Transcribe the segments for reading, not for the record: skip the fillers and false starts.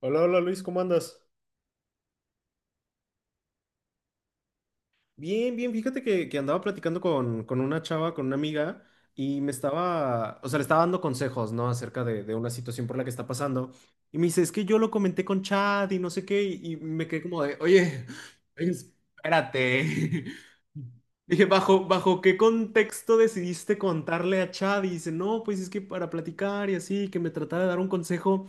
Hola, hola Luis, ¿cómo andas? Bien, bien, fíjate que andaba platicando con una chava, con una amiga, y me estaba, o sea, le estaba dando consejos, ¿no? Acerca de una situación por la que está pasando. Y me dice, es que yo lo comenté con Chad y no sé qué, y me quedé como de, oye, espérate. Dije, ¿bajo qué contexto decidiste contarle a Chad? Y dice, no, pues es que para platicar y así, que me tratara de dar un consejo.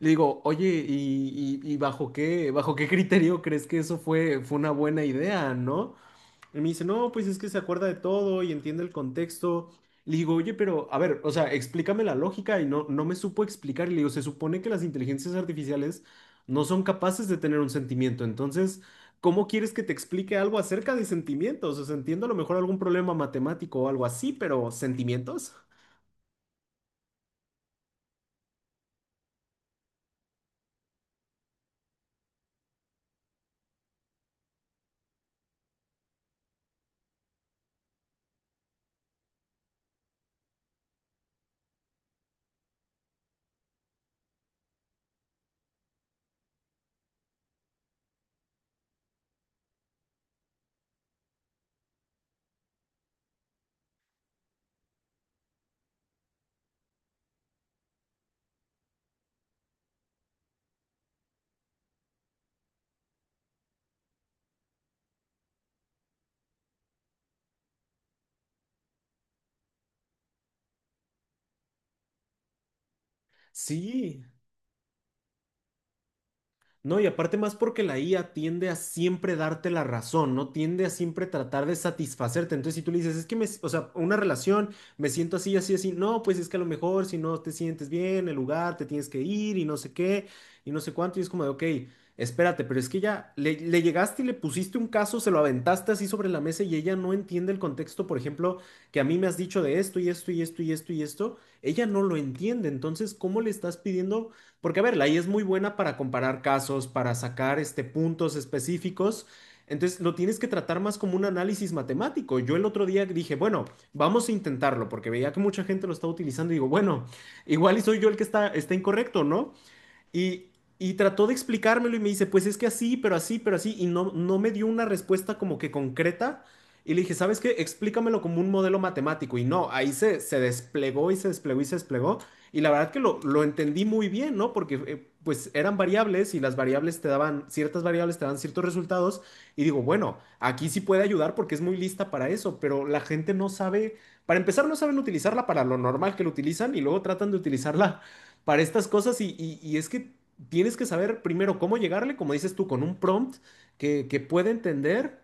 Le digo, oye, ¿y bajo qué, ¿bajo qué criterio crees que eso fue, fue una buena idea, ¿no? Y me dice, no, pues es que se acuerda de todo y entiende el contexto. Le digo, oye, pero a ver, o sea, explícame la lógica y no, no me supo explicar. Y le digo, se supone que las inteligencias artificiales no son capaces de tener un sentimiento. Entonces, ¿cómo quieres que te explique algo acerca de sentimientos? O sea, entiendo a lo mejor algún problema matemático o algo así, pero ¿sentimientos? Sí. No, y aparte más porque la IA tiende a siempre darte la razón, ¿no? Tiende a siempre tratar de satisfacerte. Entonces, si tú le dices, es que me, s- o sea, una relación, me siento así, así, así, no, pues es que a lo mejor si no te sientes bien, el lugar, te tienes que ir y no sé qué, y no sé cuánto, y es como de, ok, espérate, pero es que ya le llegaste y le pusiste un caso, se lo aventaste así sobre la mesa y ella no entiende el contexto, por ejemplo, que a mí me has dicho de esto y esto y esto y esto y esto, ella no lo entiende. Entonces, ¿cómo le estás pidiendo? Porque a ver, la IA es muy buena para comparar casos, para sacar este, puntos específicos. Entonces lo tienes que tratar más como un análisis matemático. Yo el otro día dije, bueno, vamos a intentarlo, porque veía que mucha gente lo estaba utilizando y digo, bueno, igual y soy yo el que está incorrecto, ¿no? Y, y trató de explicármelo y me dice, pues es que así, pero así, pero así, y no, no me dio una respuesta como que concreta. Y le dije, ¿sabes qué? Explícamelo como un modelo matemático. Y no, ahí se desplegó y se desplegó y se desplegó. Y la verdad que lo entendí muy bien, ¿no? Porque pues eran variables y las variables te daban, ciertas variables te dan ciertos resultados. Y digo, bueno, aquí sí puede ayudar porque es muy lista para eso, pero la gente no sabe, para empezar no saben utilizarla para lo normal que lo utilizan y luego tratan de utilizarla para estas cosas y es que tienes que saber primero cómo llegarle, como dices tú, con un prompt que pueda entender.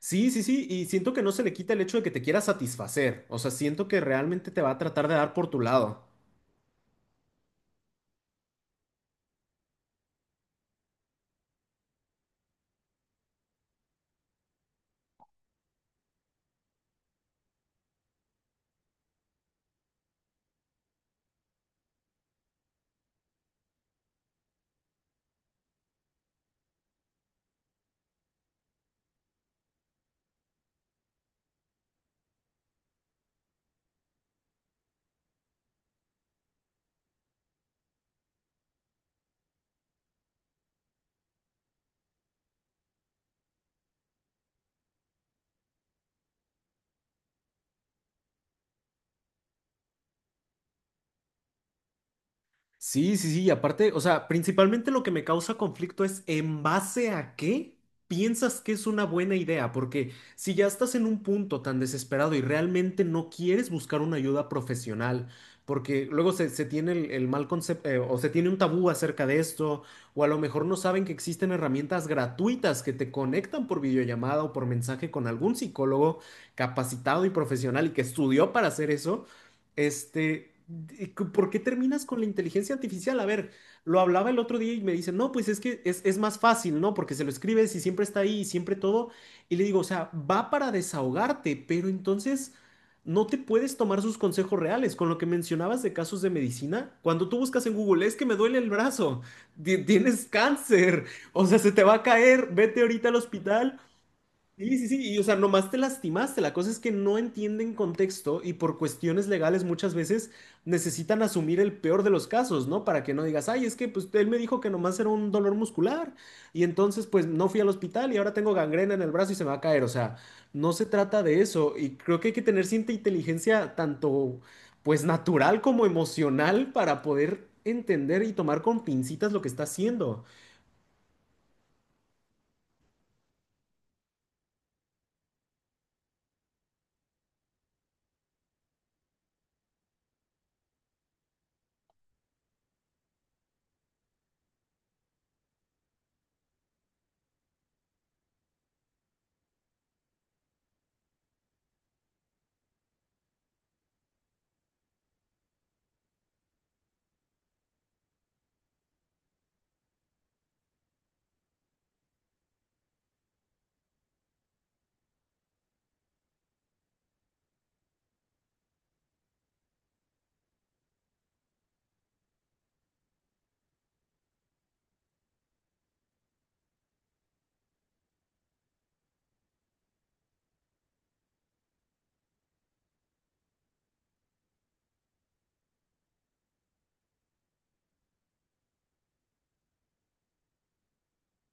Sí, sí, sí, y siento que no se le quita el hecho de que te quiera satisfacer, o sea, siento que realmente te va a tratar de dar por tu lado. Sí, sí, sí, y aparte, o sea, principalmente lo que me causa conflicto es en base a qué piensas que es una buena idea, porque si ya estás en un punto tan desesperado y realmente no quieres buscar una ayuda profesional, porque luego se tiene el mal concepto, o se tiene un tabú acerca de esto, o a lo mejor no saben que existen herramientas gratuitas que te conectan por videollamada o por mensaje con algún psicólogo capacitado y profesional y que estudió para hacer eso. Este, de- ¿por qué terminas con la inteligencia artificial? A ver, lo hablaba el otro día y me dice, no, pues es que es más fácil, ¿no? Porque se lo escribes y siempre está ahí y siempre todo. Y le digo, o sea, va para desahogarte, pero entonces no te puedes tomar sus consejos reales. Con lo que mencionabas de casos de medicina, cuando tú buscas en Google, es que me duele el brazo, ti- tienes cáncer, o sea, se te va a caer, vete ahorita al hospital. Sí, sí, sí, y o sea, nomás te lastimaste. La cosa es que no entienden contexto y por cuestiones legales muchas veces necesitan asumir el peor de los casos, ¿no? Para que no digas, ay, es que pues él me dijo que nomás era un dolor muscular y entonces pues no fui al hospital y ahora tengo gangrena en el brazo y se me va a caer. O sea, no se trata de eso y creo que hay que tener cierta inteligencia tanto pues natural como emocional para poder entender y tomar con pincitas lo que está haciendo.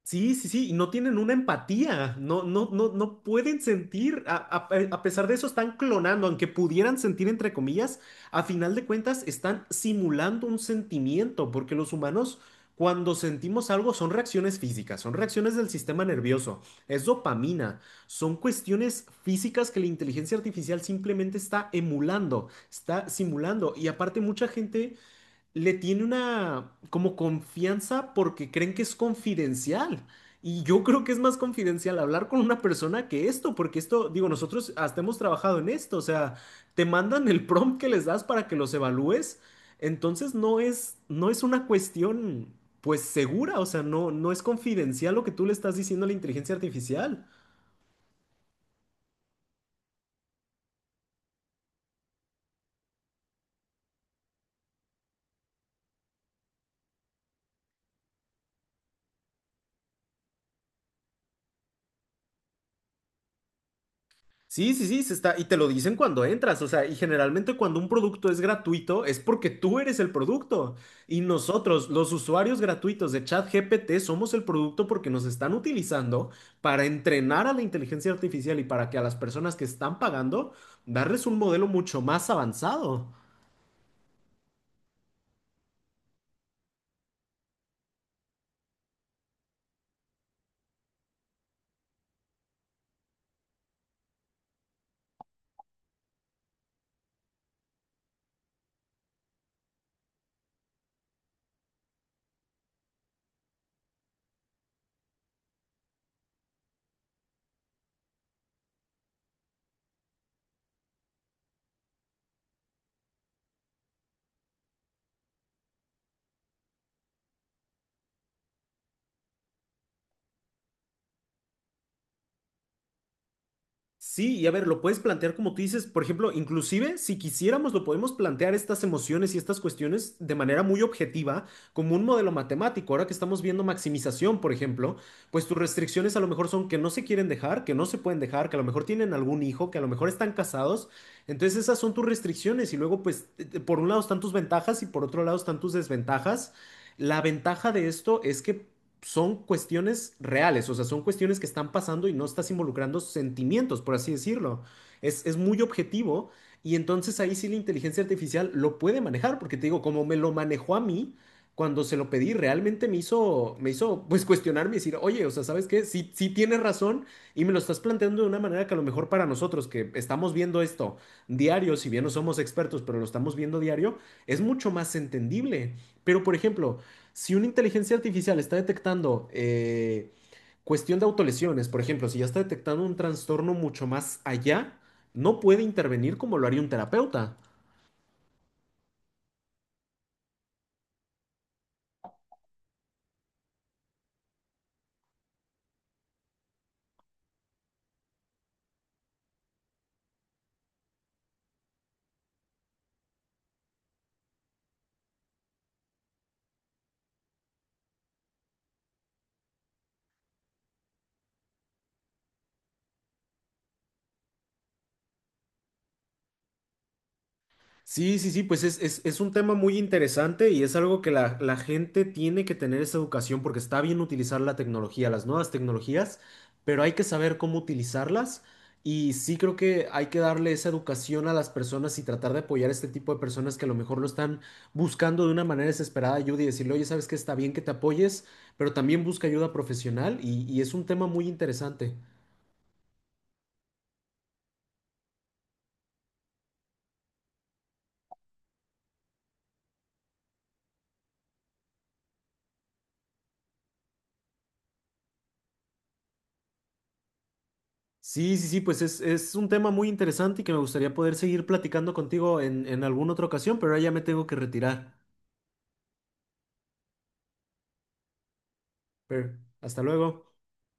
Sí, sí, sí, y no tienen una empatía, no, no, no, no pueden sentir, a pesar de eso están clonando, aunque pudieran sentir entre comillas, a final de cuentas están simulando un sentimiento, porque los humanos cuando sentimos algo son reacciones físicas, son reacciones del sistema nervioso, es dopamina, son cuestiones físicas que la inteligencia artificial simplemente está emulando, está simulando, y aparte mucha gente le tiene una como confianza porque creen que es confidencial. Y yo creo que es más confidencial hablar con una persona que esto, porque esto, digo, nosotros hasta hemos trabajado en esto, o sea, te mandan el prompt que les das para que los evalúes, entonces no es, no es una cuestión, pues, segura, o sea, no, no es confidencial lo que tú le estás diciendo a la inteligencia artificial. Sí, sí, sí, se está, y te lo dicen cuando entras, o sea, y generalmente cuando un producto es gratuito es porque tú eres el producto y nosotros, los usuarios gratuitos de ChatGPT, somos el producto porque nos están utilizando para entrenar a la inteligencia artificial y para que a las personas que están pagando darles un modelo mucho más avanzado. Sí, y a ver, lo puedes plantear como tú dices, por ejemplo, inclusive si quisiéramos, lo podemos plantear estas emociones y estas cuestiones de manera muy objetiva, como un modelo matemático. Ahora que estamos viendo maximización, por ejemplo, pues tus restricciones a lo mejor son que no se quieren dejar, que no se pueden dejar, que a lo mejor tienen algún hijo, que a lo mejor están casados. Entonces esas son tus restricciones y luego pues por un lado están tus ventajas y por otro lado están tus desventajas. La ventaja de esto es que son cuestiones reales, o sea, son cuestiones que están pasando y no estás involucrando sentimientos, por así decirlo. Es muy objetivo y entonces ahí sí la inteligencia artificial lo puede manejar, porque te digo, como me lo manejó a mí, cuando se lo pedí, realmente me hizo pues cuestionarme y decir, oye, o sea, ¿sabes qué? Sí, sí tienes razón y me lo estás planteando de una manera que a lo mejor para nosotros que estamos viendo esto diario, si bien no somos expertos, pero lo estamos viendo diario, es mucho más entendible. Pero, por ejemplo, si una inteligencia artificial está detectando cuestión de autolesiones, por ejemplo, si ya está detectando un trastorno mucho más allá, no puede intervenir como lo haría un terapeuta. Sí, sí, sí, pues es un tema muy interesante y es algo que la gente tiene que tener esa educación porque está bien utilizar la tecnología, las nuevas tecnologías, pero hay que saber cómo utilizarlas y sí creo que hay que darle esa educación a las personas y tratar de apoyar a este tipo de personas que a lo mejor lo están buscando de una manera desesperada ayuda y decirle, oye, sabes que está bien que te apoyes, pero también busca ayuda profesional y es un tema muy interesante. Sí, sí, sí, pues es un tema muy interesante y que me gustaría poder seguir platicando contigo en alguna otra ocasión, pero ahora ya me tengo que retirar. Pero hasta luego.